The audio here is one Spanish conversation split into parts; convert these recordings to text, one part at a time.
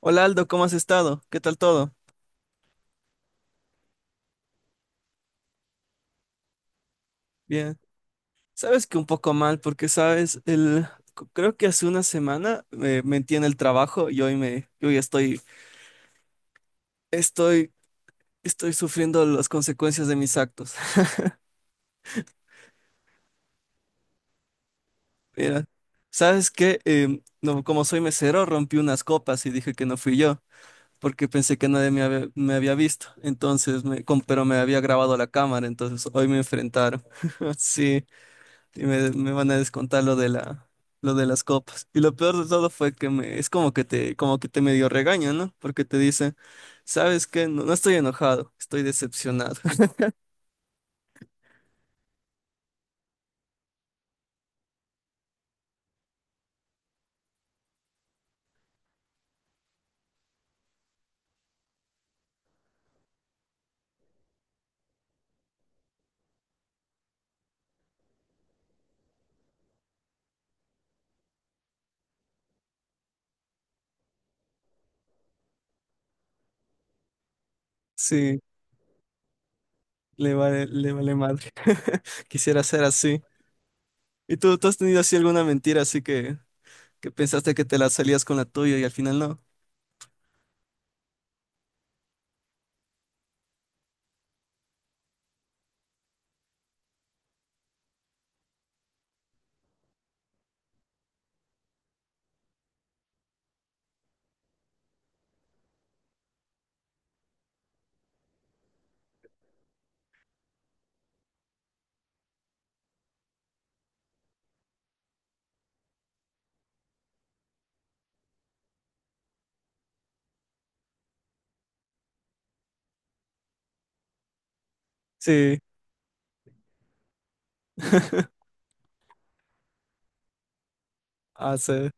Hola Aldo, ¿cómo has estado? ¿Qué tal todo? Bien. Sabes que un poco mal porque, sabes, el, creo que hace una semana me metí en el trabajo y hoy me, yo ya estoy, estoy sufriendo las consecuencias de mis actos. Mira, ¿sabes qué? No, como soy mesero, rompí unas copas y dije que no fui yo porque pensé que nadie me había, me había visto. Entonces, pero me había grabado la cámara, entonces hoy me enfrentaron. Sí. Y me van a descontar lo de la, lo de las copas. Y lo peor de todo fue que me, es como que te medio regaña, ¿no? Porque te dice, ¿sabes qué? No, no estoy enojado, estoy decepcionado. Sí, le vale madre. Quisiera ser así. ¿Y tú has tenido así alguna mentira así que pensaste que te la salías con la tuya y al final no? Sí. Ah, sí.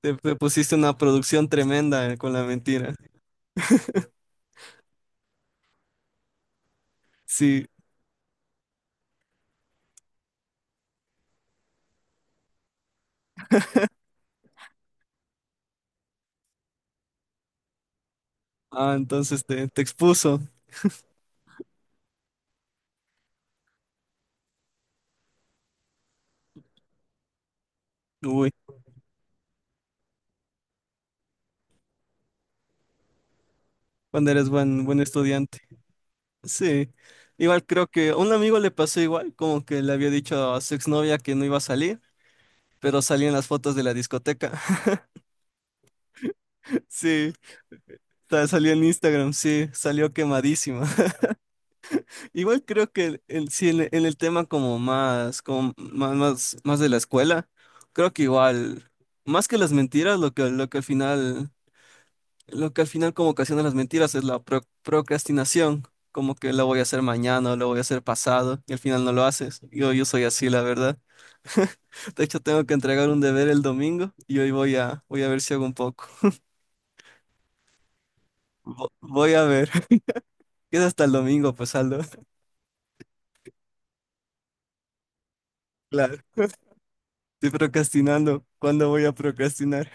Te pusiste una producción tremenda con la mentira. Sí. Ah, entonces te expuso. Uy. Cuando eres buen, buen estudiante. Sí, igual creo que a un amigo le pasó igual, como que le había dicho a su exnovia que no iba a salir, pero salían las fotos de la discoteca. Sí, salió en Instagram, sí, salió quemadísima. Igual creo que sí, el en el tema como más, de la escuela, creo que igual, más que las mentiras, lo que al final. Lo que al final como ocasiona las mentiras es la procrastinación, como que lo voy a hacer mañana o lo voy a hacer pasado y al final no lo haces. Yo soy así, la verdad. De hecho, tengo que entregar un deber el domingo y hoy voy a ver si hago un poco. Voy a ver. Queda hasta el domingo, pues Aldo. Claro, estoy procrastinando. ¿Cuándo voy a procrastinar?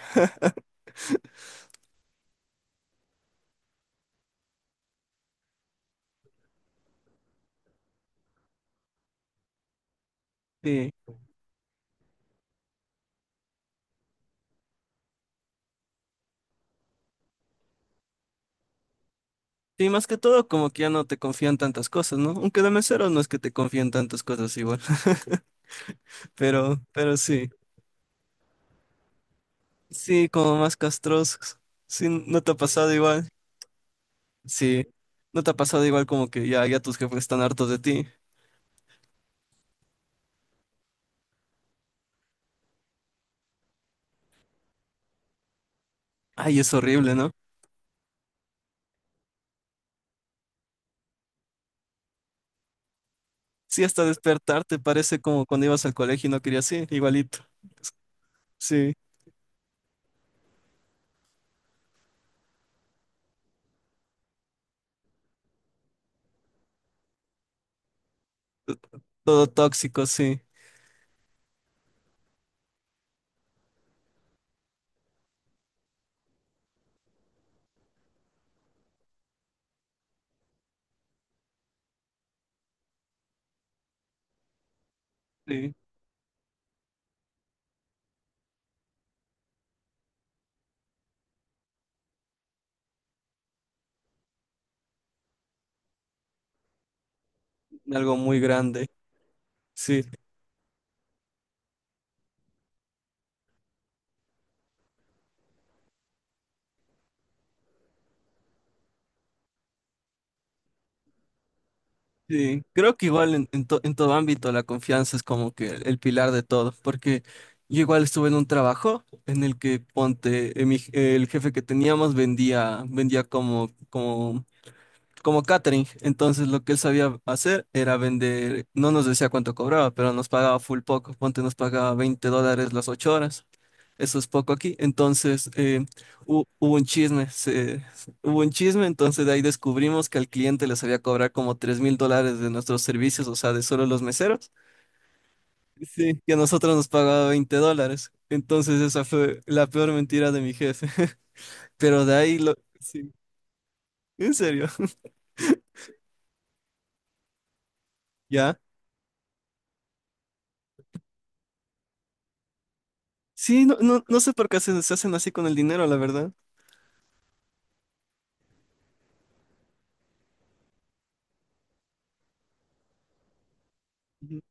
Sí. Sí, más que todo, como que ya no te confían tantas cosas, ¿no? Aunque de mesero no es que te confían tantas cosas igual, pero sí. Sí, como más castrosos. Sí, ¿no te ha pasado igual? Sí, ¿no te ha pasado igual como que ya tus jefes están hartos de ti? Ay, es horrible, ¿no? Sí, hasta despertarte parece como cuando ibas al colegio y no querías ir, igualito. Sí, todo tóxico, sí, sí, algo muy grande, sí, sí. Creo que igual en todo ámbito la confianza es como que el pilar de todo, porque yo igual estuve en un trabajo en el que ponte, el jefe que teníamos vendía, vendía como, como como catering. Entonces lo que él sabía hacer era vender, no nos decía cuánto cobraba, pero nos pagaba full poco. Ponte nos pagaba $20 las 8 horas. Eso es poco aquí. Entonces hubo un chisme, hubo un chisme, entonces de ahí descubrimos que al cliente les había cobrado como $3,000 de nuestros servicios, o sea, de solo los meseros. Sí. Y a nosotros nos pagaba 20 dólares. Entonces esa fue la peor mentira de mi jefe. Pero de ahí lo... Sí, en serio. ¿Ya? Sí, no, no, no sé por qué se hacen así con el dinero, la verdad. Ujú.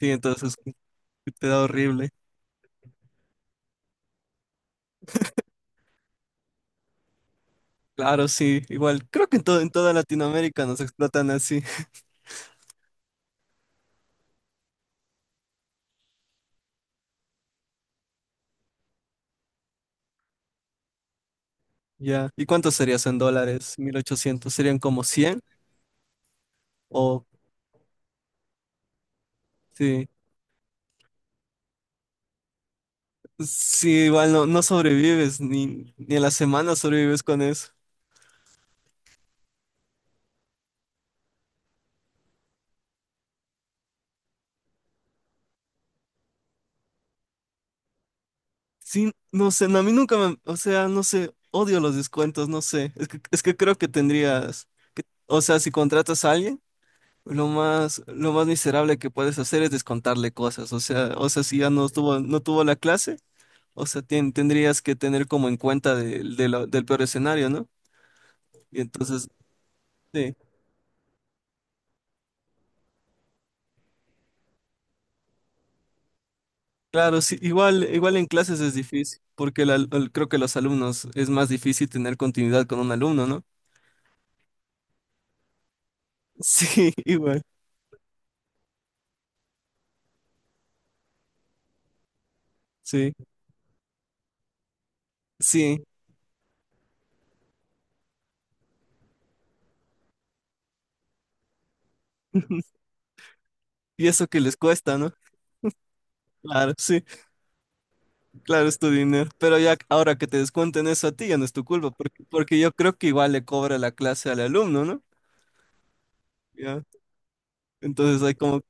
Sí, entonces te da horrible. Claro, sí, igual. Creo que en todo, en toda Latinoamérica nos explotan así. Ya. ¿Y cuánto sería eso en dólares? 1,800. ¿Serían como 100? O sí. Sí, igual no, no sobrevives, ni, ni en la semana sobrevives con eso. Sí, no sé, no, a mí nunca me, o sea, no sé, odio los descuentos, no sé. Es que creo que tendrías, o sea, si contratas a alguien. Lo más miserable que puedes hacer es descontarle cosas. O sea, si ya no tuvo, no tuvo la clase, o sea, tendrías que tener como en cuenta del peor escenario, ¿no? Y entonces, sí, claro, sí, igual, igual en clases es difícil, porque creo que los alumnos es más difícil tener continuidad con un alumno, ¿no? Sí, igual, sí, sí. Y eso que les cuesta, ¿no? Claro, sí. Claro, es tu dinero, pero ya ahora que te descuenten eso a ti ya no es tu culpa, porque, porque yo creo que igual le cobra la clase al alumno, ¿no? Ya. Entonces hay como,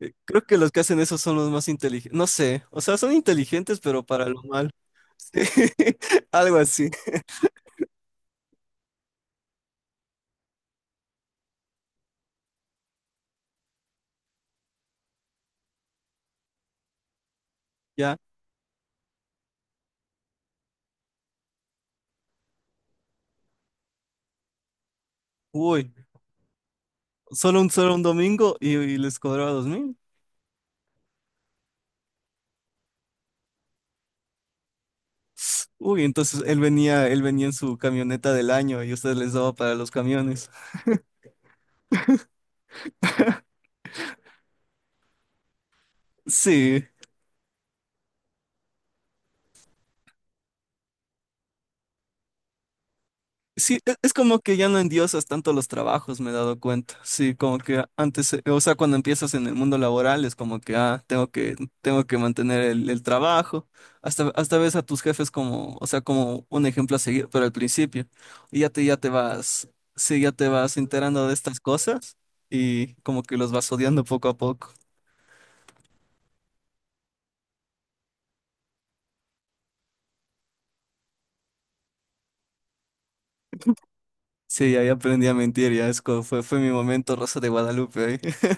creo que los que hacen eso son los más inteligentes, no sé, o sea, son inteligentes, pero para lo mal. Sí, algo así, ya. Uy, solo solo un domingo y les cobraba 2,000. Uy, entonces él venía en su camioneta del año y ustedes les daba para los camiones. Sí, sí, es como que ya no endiosas tanto los trabajos, me he dado cuenta. Sí, como que antes, o sea, cuando empiezas en el mundo laboral es como que, ah, tengo que mantener el trabajo. Hasta, hasta ves a tus jefes como, o sea, como un ejemplo a seguir, pero al principio. Ya te vas, sí, ya te vas enterando de estas cosas y como que los vas odiando poco a poco. Sí, ahí aprendí a mentir, ya es como fue mi momento Rosa de Guadalupe ahí.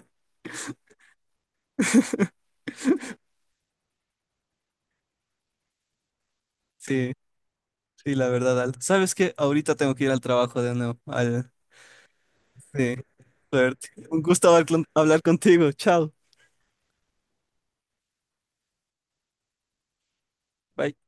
Sí, sí, la verdad, Al. ¿Sabes qué? Ahorita tengo que ir al trabajo de nuevo. Al- Sí, suerte. Un gusto hablar hablar contigo. Chao. Bye.